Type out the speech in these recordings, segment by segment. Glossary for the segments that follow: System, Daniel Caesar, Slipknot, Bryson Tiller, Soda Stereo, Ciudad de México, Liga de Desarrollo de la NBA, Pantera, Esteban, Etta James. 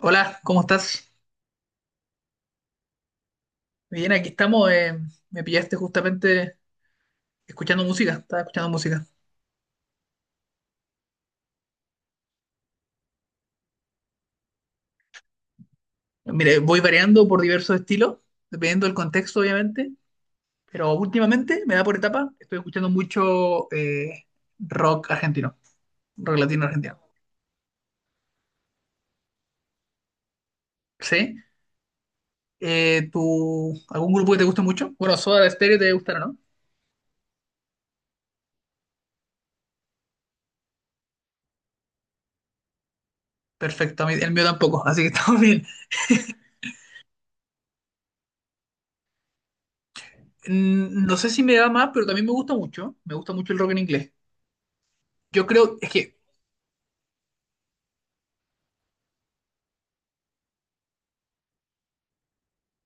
Hola, ¿cómo estás? Bien, aquí estamos. Me pillaste justamente escuchando música. Estaba escuchando música. Mire, voy variando por diversos estilos, dependiendo del contexto, obviamente. Pero últimamente me da por etapa. Estoy escuchando mucho rock argentino, rock latino argentino. ¿Sí? ¿Tú, algún grupo que te guste mucho? Bueno, Soda Stereo te gustará, ¿no? Perfecto, el mío tampoco, así que estamos bien. No sé si me da más, pero también me gusta mucho. Me gusta mucho el rock en inglés. Yo creo, es que…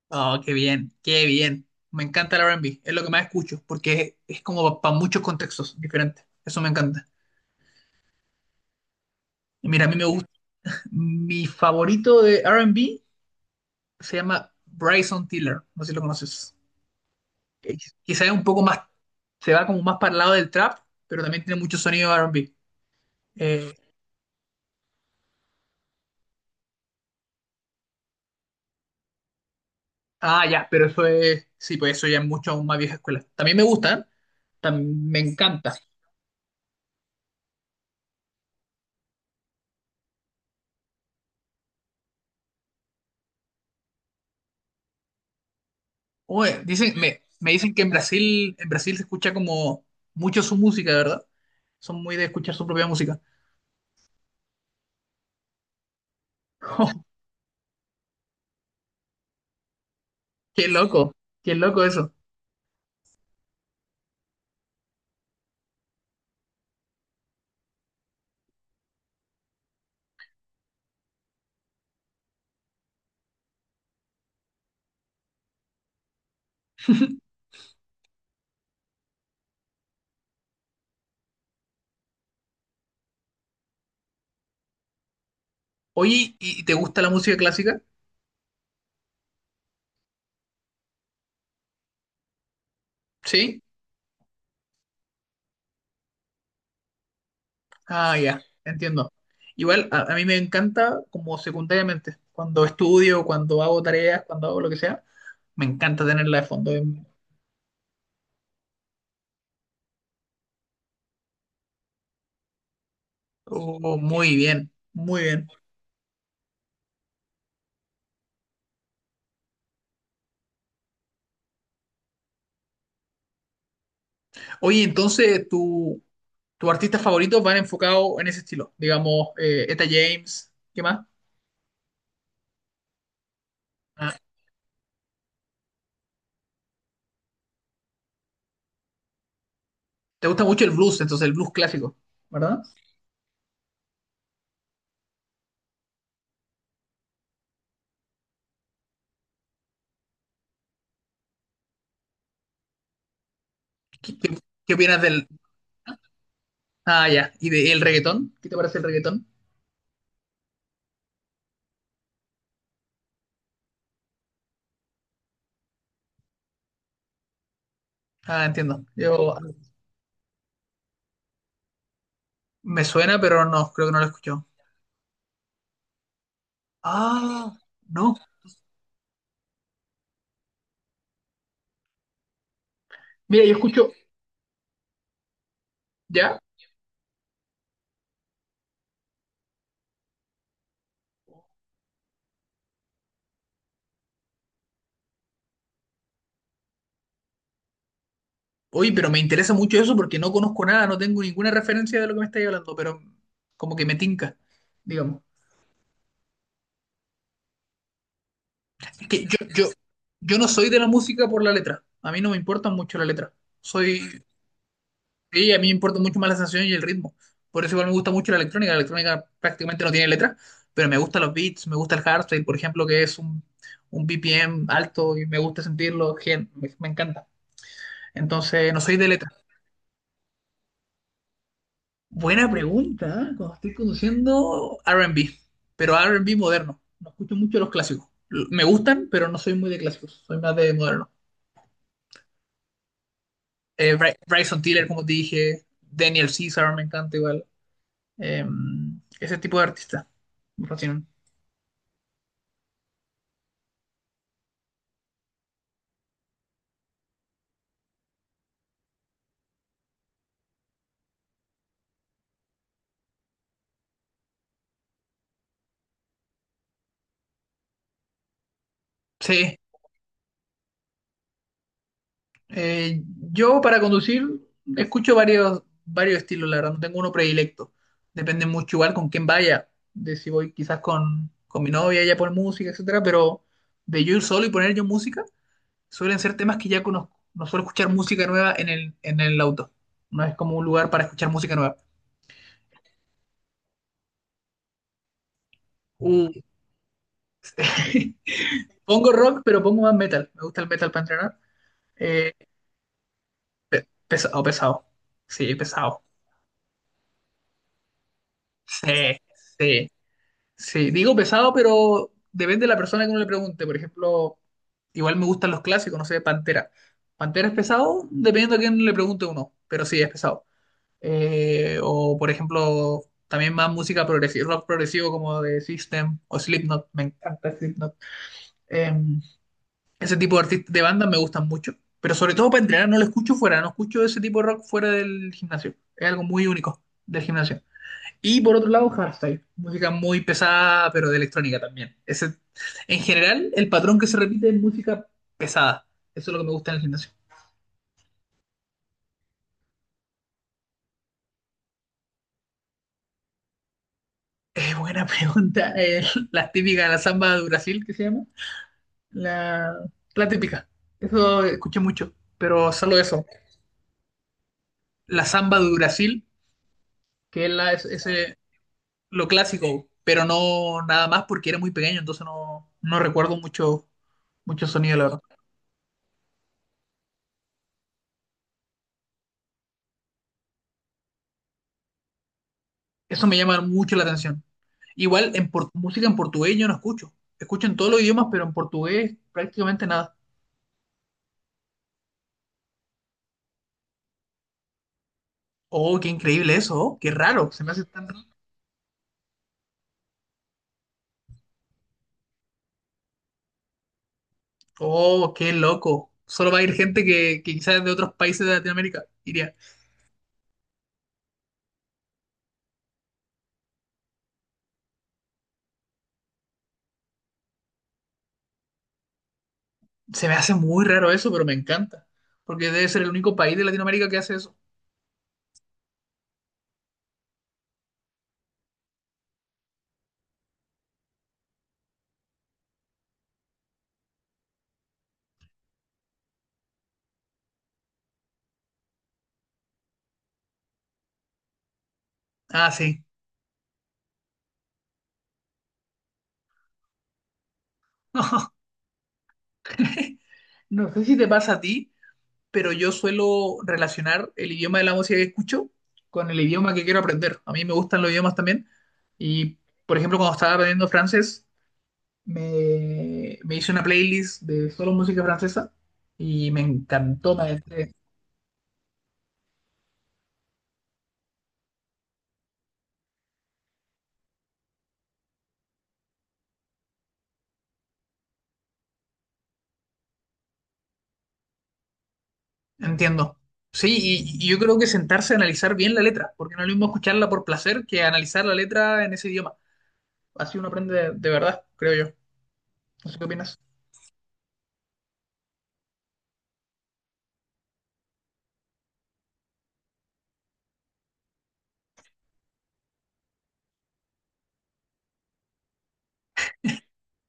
Oh, qué bien, qué bien. Me encanta el R&B, es lo que más escucho, porque es como para muchos contextos diferentes. Eso me encanta. Y mira, a mí me gusta. Mi favorito de R&B se llama Bryson Tiller, no sé si lo conoces. Eh, Quizá es un poco más, se va como más para el lado del trap, pero también tiene mucho sonido de R&B. Eh, ah, ya, pero eso es, sí, pues eso ya es mucho más vieja escuela. También me gustan, me encanta… Oye, dicen, me dicen que en Brasil se escucha como mucho su música, ¿verdad? Son muy de escuchar su propia música. Qué loco, qué loco eso. Oye, y te gusta la música clásica? Sí. Ah, ya, entiendo. Igual, a mí me encanta como secundariamente. Cuando estudio, cuando hago tareas, cuando hago lo que sea, me encanta tenerla de fondo. Oh, muy bien, muy bien. Oye, entonces, ¿tu, tus artistas favoritos van enfocados en ese estilo? Digamos, Etta James, ¿qué más? Ah, te gusta mucho el blues, entonces el blues clásico, ¿verdad? ¿Qué, qué- ¿Qué opinas del… Ah, ya. ¿Y del reggaetón? ¿Qué te parece el reggaetón? Ah, entiendo. Yo Me suena, pero no, creo que no lo escucho. Ah, no. Mira, yo escucho… ¿Ya? Oye, pero me interesa mucho eso porque no conozco nada, no tengo ninguna referencia de lo que me estáis hablando, pero como que me tinca, digamos. Es que yo no soy de la música por la letra. A mí no me importa mucho la letra. Soy… Sí, a mí me importa mucho más la sensación y el ritmo. Por eso igual me gusta mucho la electrónica. La electrónica prácticamente no tiene letra, pero me gustan los beats, me gusta el hardstyle, por ejemplo, que es un BPM alto y me gusta sentirlo, me encanta. Entonces, no soy de letra. Buena pregunta, ¿eh? Cuando estoy conduciendo R&B, pero R&B moderno. No escucho mucho los clásicos. Me gustan, pero no soy muy de clásicos, soy más de moderno. Bryson Tiller, como te dije, Daniel Caesar me encanta igual. Em, ese tipo de artistas me fascinan. Sí, eh, yo para conducir escucho varios, varios estilos, la verdad, no tengo uno predilecto. Depende mucho igual con quién vaya, de si voy quizás con mi novia, ella pone música, etcétera, pero de yo ir solo y poner yo música, suelen ser temas que ya conozco. No suelo escuchar música nueva en el auto. No es como un lugar para escuchar música nueva. Uh, pongo rock, pero pongo más metal. Me gusta el metal para entrenar. Eh, Pesado, pesado. Sí, pesado. Sí, sí. Sí, digo pesado, pero depende de la persona que uno le pregunte. Por ejemplo, igual me gustan los clásicos, no sé, Pantera. Pantera es pesado, dependiendo a quién le pregunte uno, pero sí es pesado. O, por ejemplo, también más música progresiva, rock progresivo como de System o Slipknot, me encanta Slipknot. Eh, Ese tipo de artistas, de bandas me gustan mucho, pero sobre todo para entrenar no lo escucho fuera, no escucho ese tipo de rock fuera del gimnasio. Es algo muy único del gimnasio. Y por otro lado, hardstyle, música muy pesada, pero de electrónica también. Ese, en general, el patrón que se repite es música pesada. Eso es lo que me gusta en el gimnasio. Buena pregunta. La típica, la samba de Brasil, que se llama. La, la típica. Eso escuché mucho, pero solo eso. La samba de Brasil, que es, ese, lo clásico, pero no nada más porque era muy pequeño, entonces no recuerdo mucho, mucho sonido, la verdad. Eso me llama mucho la atención. Igual música en portugués yo no escucho. Escucho en todos los idiomas, pero en portugués prácticamente nada. Oh, qué increíble eso, oh, qué raro, se me hace tan raro. Oh, qué loco. Solo va a ir gente que quizás de otros países de Latinoamérica iría. Se me hace muy raro eso, pero me encanta. Porque debe ser el único país de Latinoamérica que hace eso. Ah, sí. No sé si te pasa a ti, pero yo suelo relacionar el idioma de la música que escucho con el idioma que quiero aprender. A mí me gustan los idiomas también. Y, por ejemplo, cuando estaba aprendiendo francés, me hice una playlist de solo música francesa y me encantó. Me adentré. Entiendo. Sí, y yo creo que sentarse a analizar bien la letra, porque no es lo mismo escucharla por placer que analizar la letra en ese idioma. Así uno aprende de verdad, creo yo. No sé qué opinas.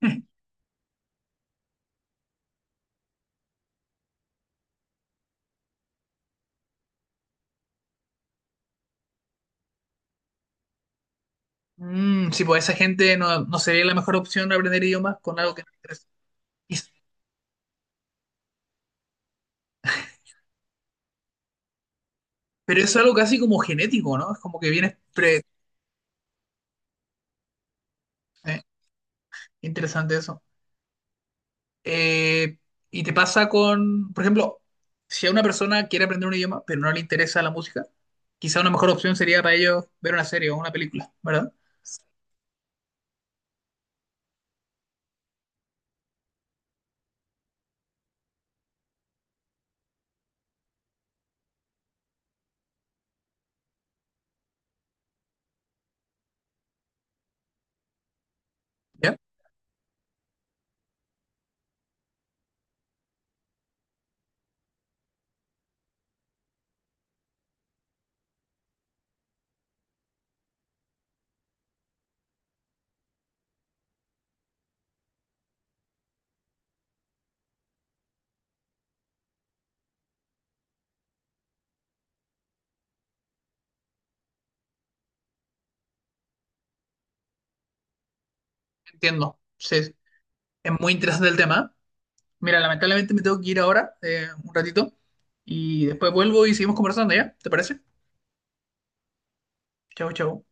Mm, sí, pues esa gente no, no sería la mejor opción aprender idiomas con algo que no interesa. Es- pero es algo casi como genético, ¿no? Es como que vienes pre… eh, interesante eso. Eh, y te pasa con, por ejemplo, si a una persona quiere aprender un idioma, pero no le interesa la música, quizá una mejor opción sería para ellos ver una serie o una película, ¿verdad? ¿Ya? Entiendo. Sí, es muy interesante el tema. Mira, lamentablemente me tengo que ir ahora, un ratito, y después vuelvo y seguimos conversando, ¿ya? ¿Te parece? Chau, chau.